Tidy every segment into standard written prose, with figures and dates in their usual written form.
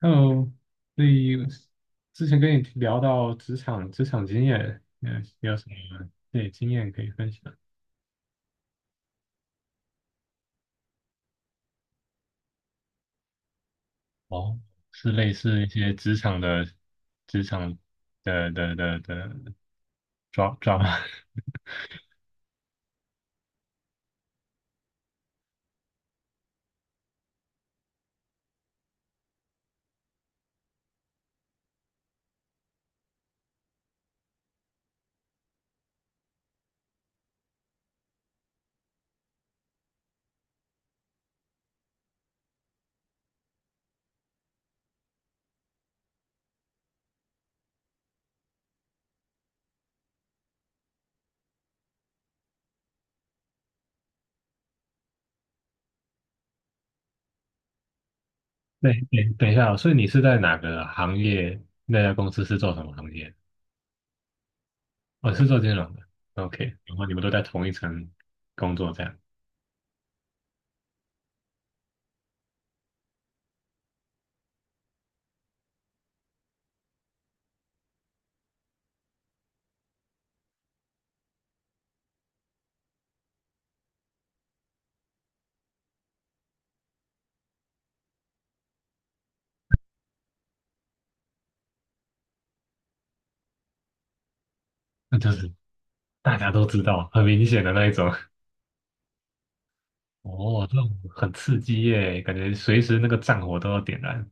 Hello，所以之前跟你聊到职场经验，你有什么对经验可以分享？哦，是类似一些职场的抓抓吗？对，对，等一下哦，所以你是在哪个行业？那家公司是做什么行业？我是做金融的。OK，然后你们都在同一层工作，这样，那就是大家都知道，很明显的那一种。哦，这种很刺激耶，感觉随时那个战火都要点燃。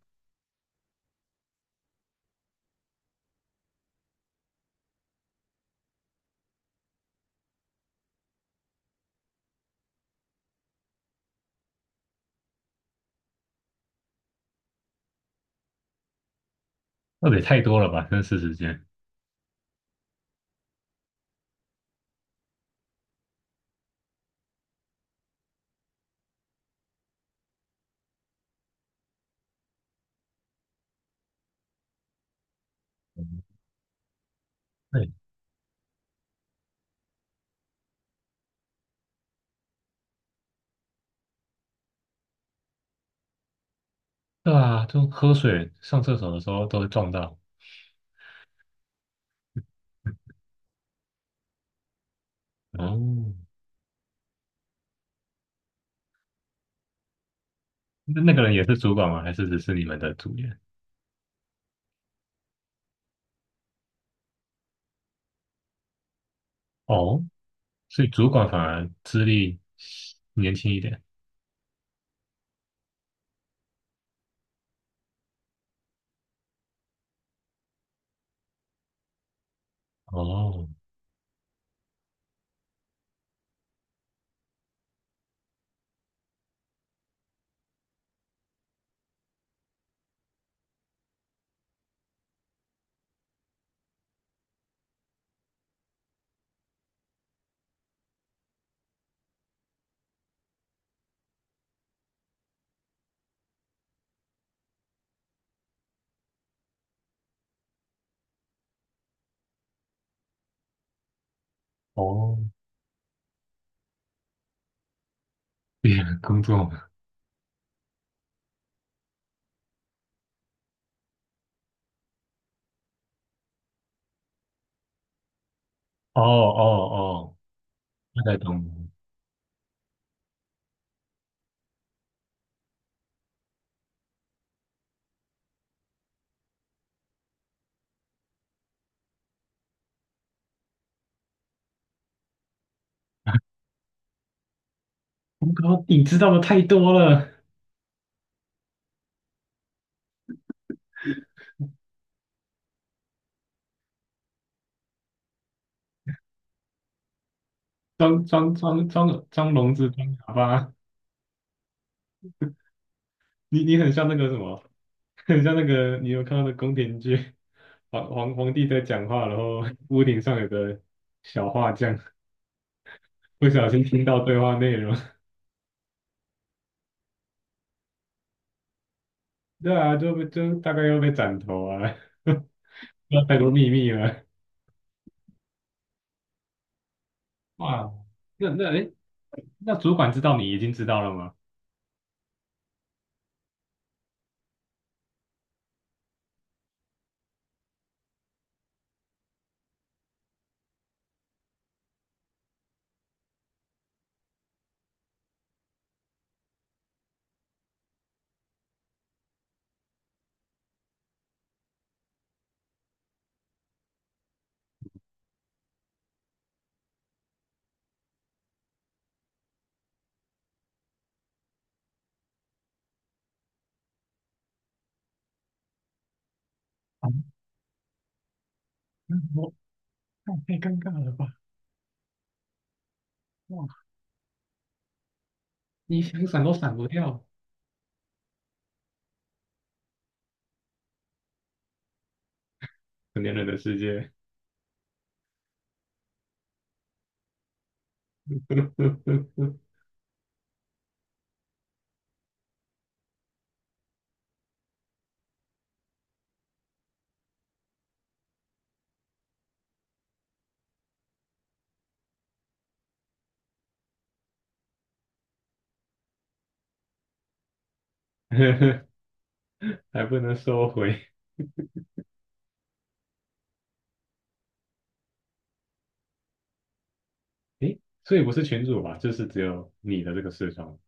那也太多了吧？真是时间。对对啊，就喝水、上厕所的时候都会撞到。哦，那个人也是主管吗？还是只是你们的组员？哦，所以主管反而资历年轻一点。哦哦，别人工作。哦哦哦，大概懂了。我靠，你知道的太多了。装聋子装哑巴，你很像那个什么，很像那个，你有看到的宫廷剧？皇 皇帝在讲话，然后 屋顶上有个小画匠 不小心听到对话内容，对啊，就大概又被斩头啊，那太多秘密了。哇，那哎诶，那主管知道你已经知道了吗？啊，那我太太尴尬了吧？哇，你想闪都闪不掉，成年人的世界，还不能收回。诶，所以不是群主吧？就是只有你的这个视窗。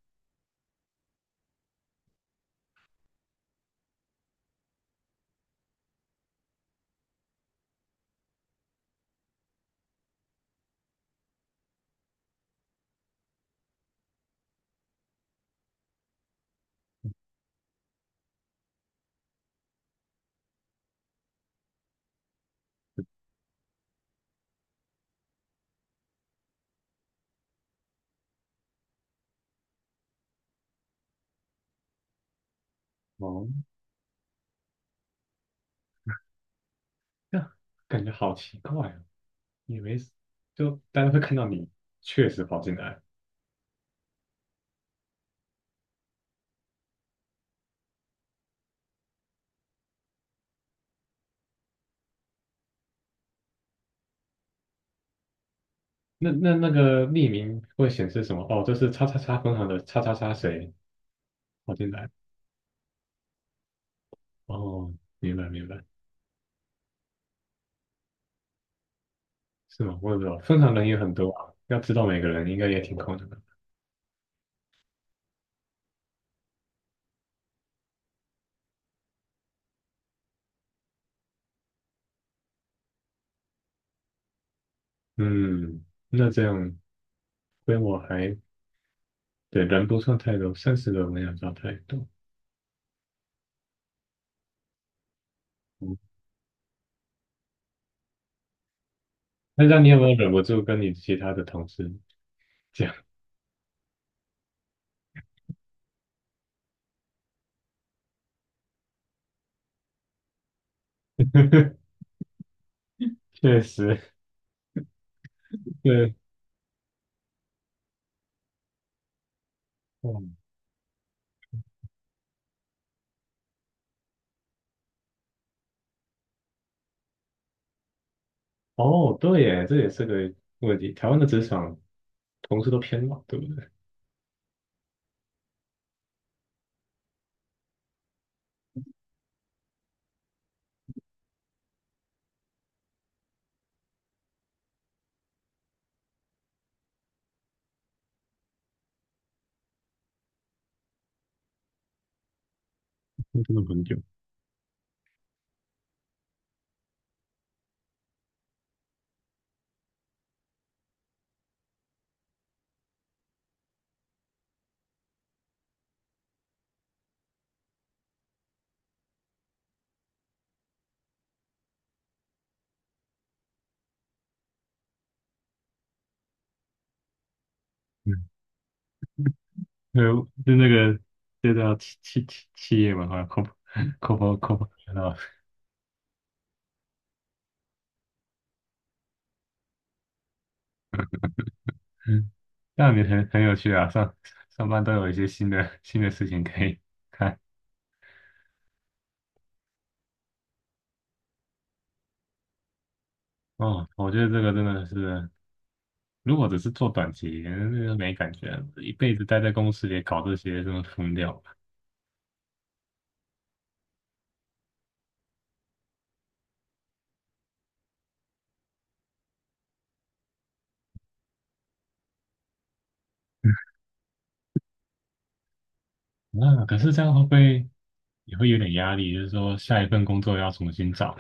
哦，那感觉好奇怪哦。也没事，就大家会看到你确实跑进来。那个匿名会显示什么？哦，这是叉叉叉分行的叉叉叉谁跑进来？哦，明白明白，是吗？我也不知道，分行人也很多啊，要知道每个人应该也挺困难的。嗯，那这样规模还对，人不算太多，30个人也不算太多。嗯，那这样你有没有忍不住跟你其他的同事讲？确实，对，嗯，哦，对耶，这也是个问题。台湾的职场。同事都偏老，对不对？那真的很久。嗯，呃，就那个，这叫企业文化 corp corp，嗯，那你很有趣啊，上班都有一些新的事情可以看。哦，我觉得这个真的是，如果只是做短期，那个没感觉，一辈子待在公司里搞这些，真的疯掉了。那可是这样会不会也会有点压力？就是说下一份工作要重新找，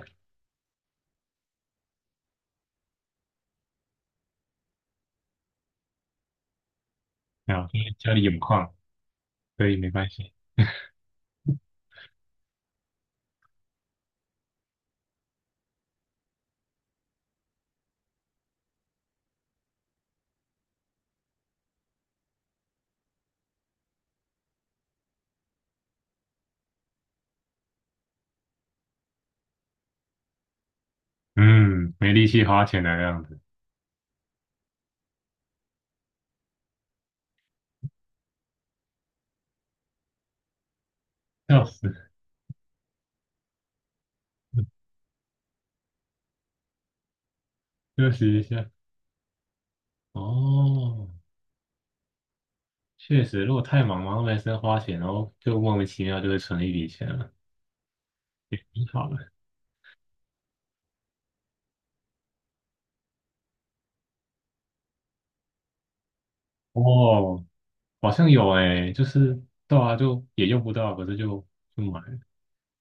啊，因为家里有矿，所以没关系。嗯，没力气花钱的样子，笑死，休息一下。哦，确实，如果太忙，忙到没时间花钱，然后就莫名其妙就会存一笔钱了，挺好的。哦，好像有诶，就是对啊，就也用不到，可是就买了，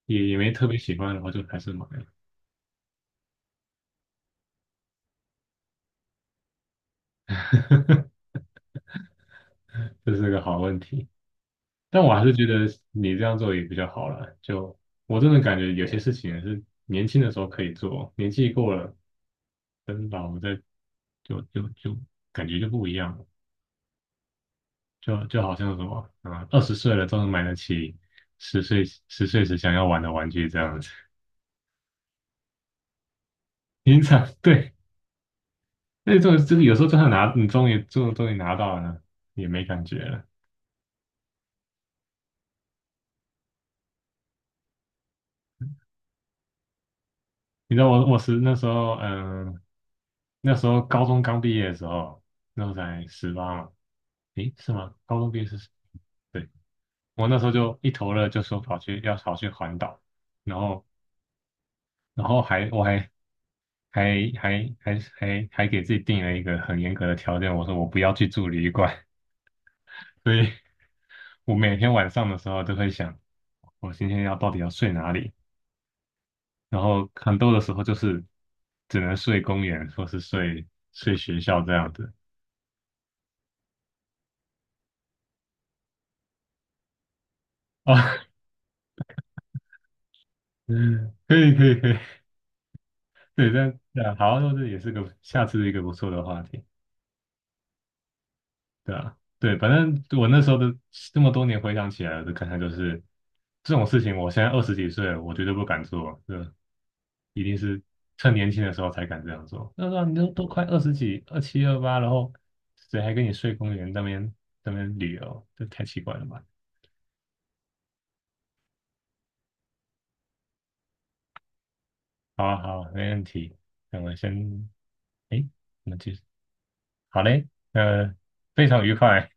也没特别喜欢，然后就还是买了。这是个好问题，但我还是觉得你这样做也比较好了。就我真的感觉有些事情是年轻的时候可以做，年纪过了跟老的就感觉就不一样了，就好像什么啊，20岁了都能买得起十岁时想要玩的玩具这样子。平常对，那种就是有时候就算拿，你终于拿到了，也没感觉了。你知道我是那时候，那时候高中刚毕业的时候，那时候才十八嘛，诶，是吗？高中毕业是十，对，我那时候就一头热，就说跑去环岛，然后还我还还还还还还给自己定了一个很严格的条件，我说我不要去住旅馆，所以我每天晚上的时候都会想，我今天到底要睡哪里？然后很多的时候就是只能睡公园或是睡学校这样子啊，嗯，可以可以可以，对，但对啊，好，那这也是个下次一个不错的话题。对啊，对，反正我那时候的这么多年回想起来的感想就是，这种事情我现在20几岁了，我绝对不敢做，对，一定是趁年轻的时候才敢这样做。那时候你都快二十几，27、28，28然后谁还跟你睡公园那边旅游？这太奇怪了吧？好啊，好啊没问题。那我先，哎，我们继续，好嘞，呃，非常愉快。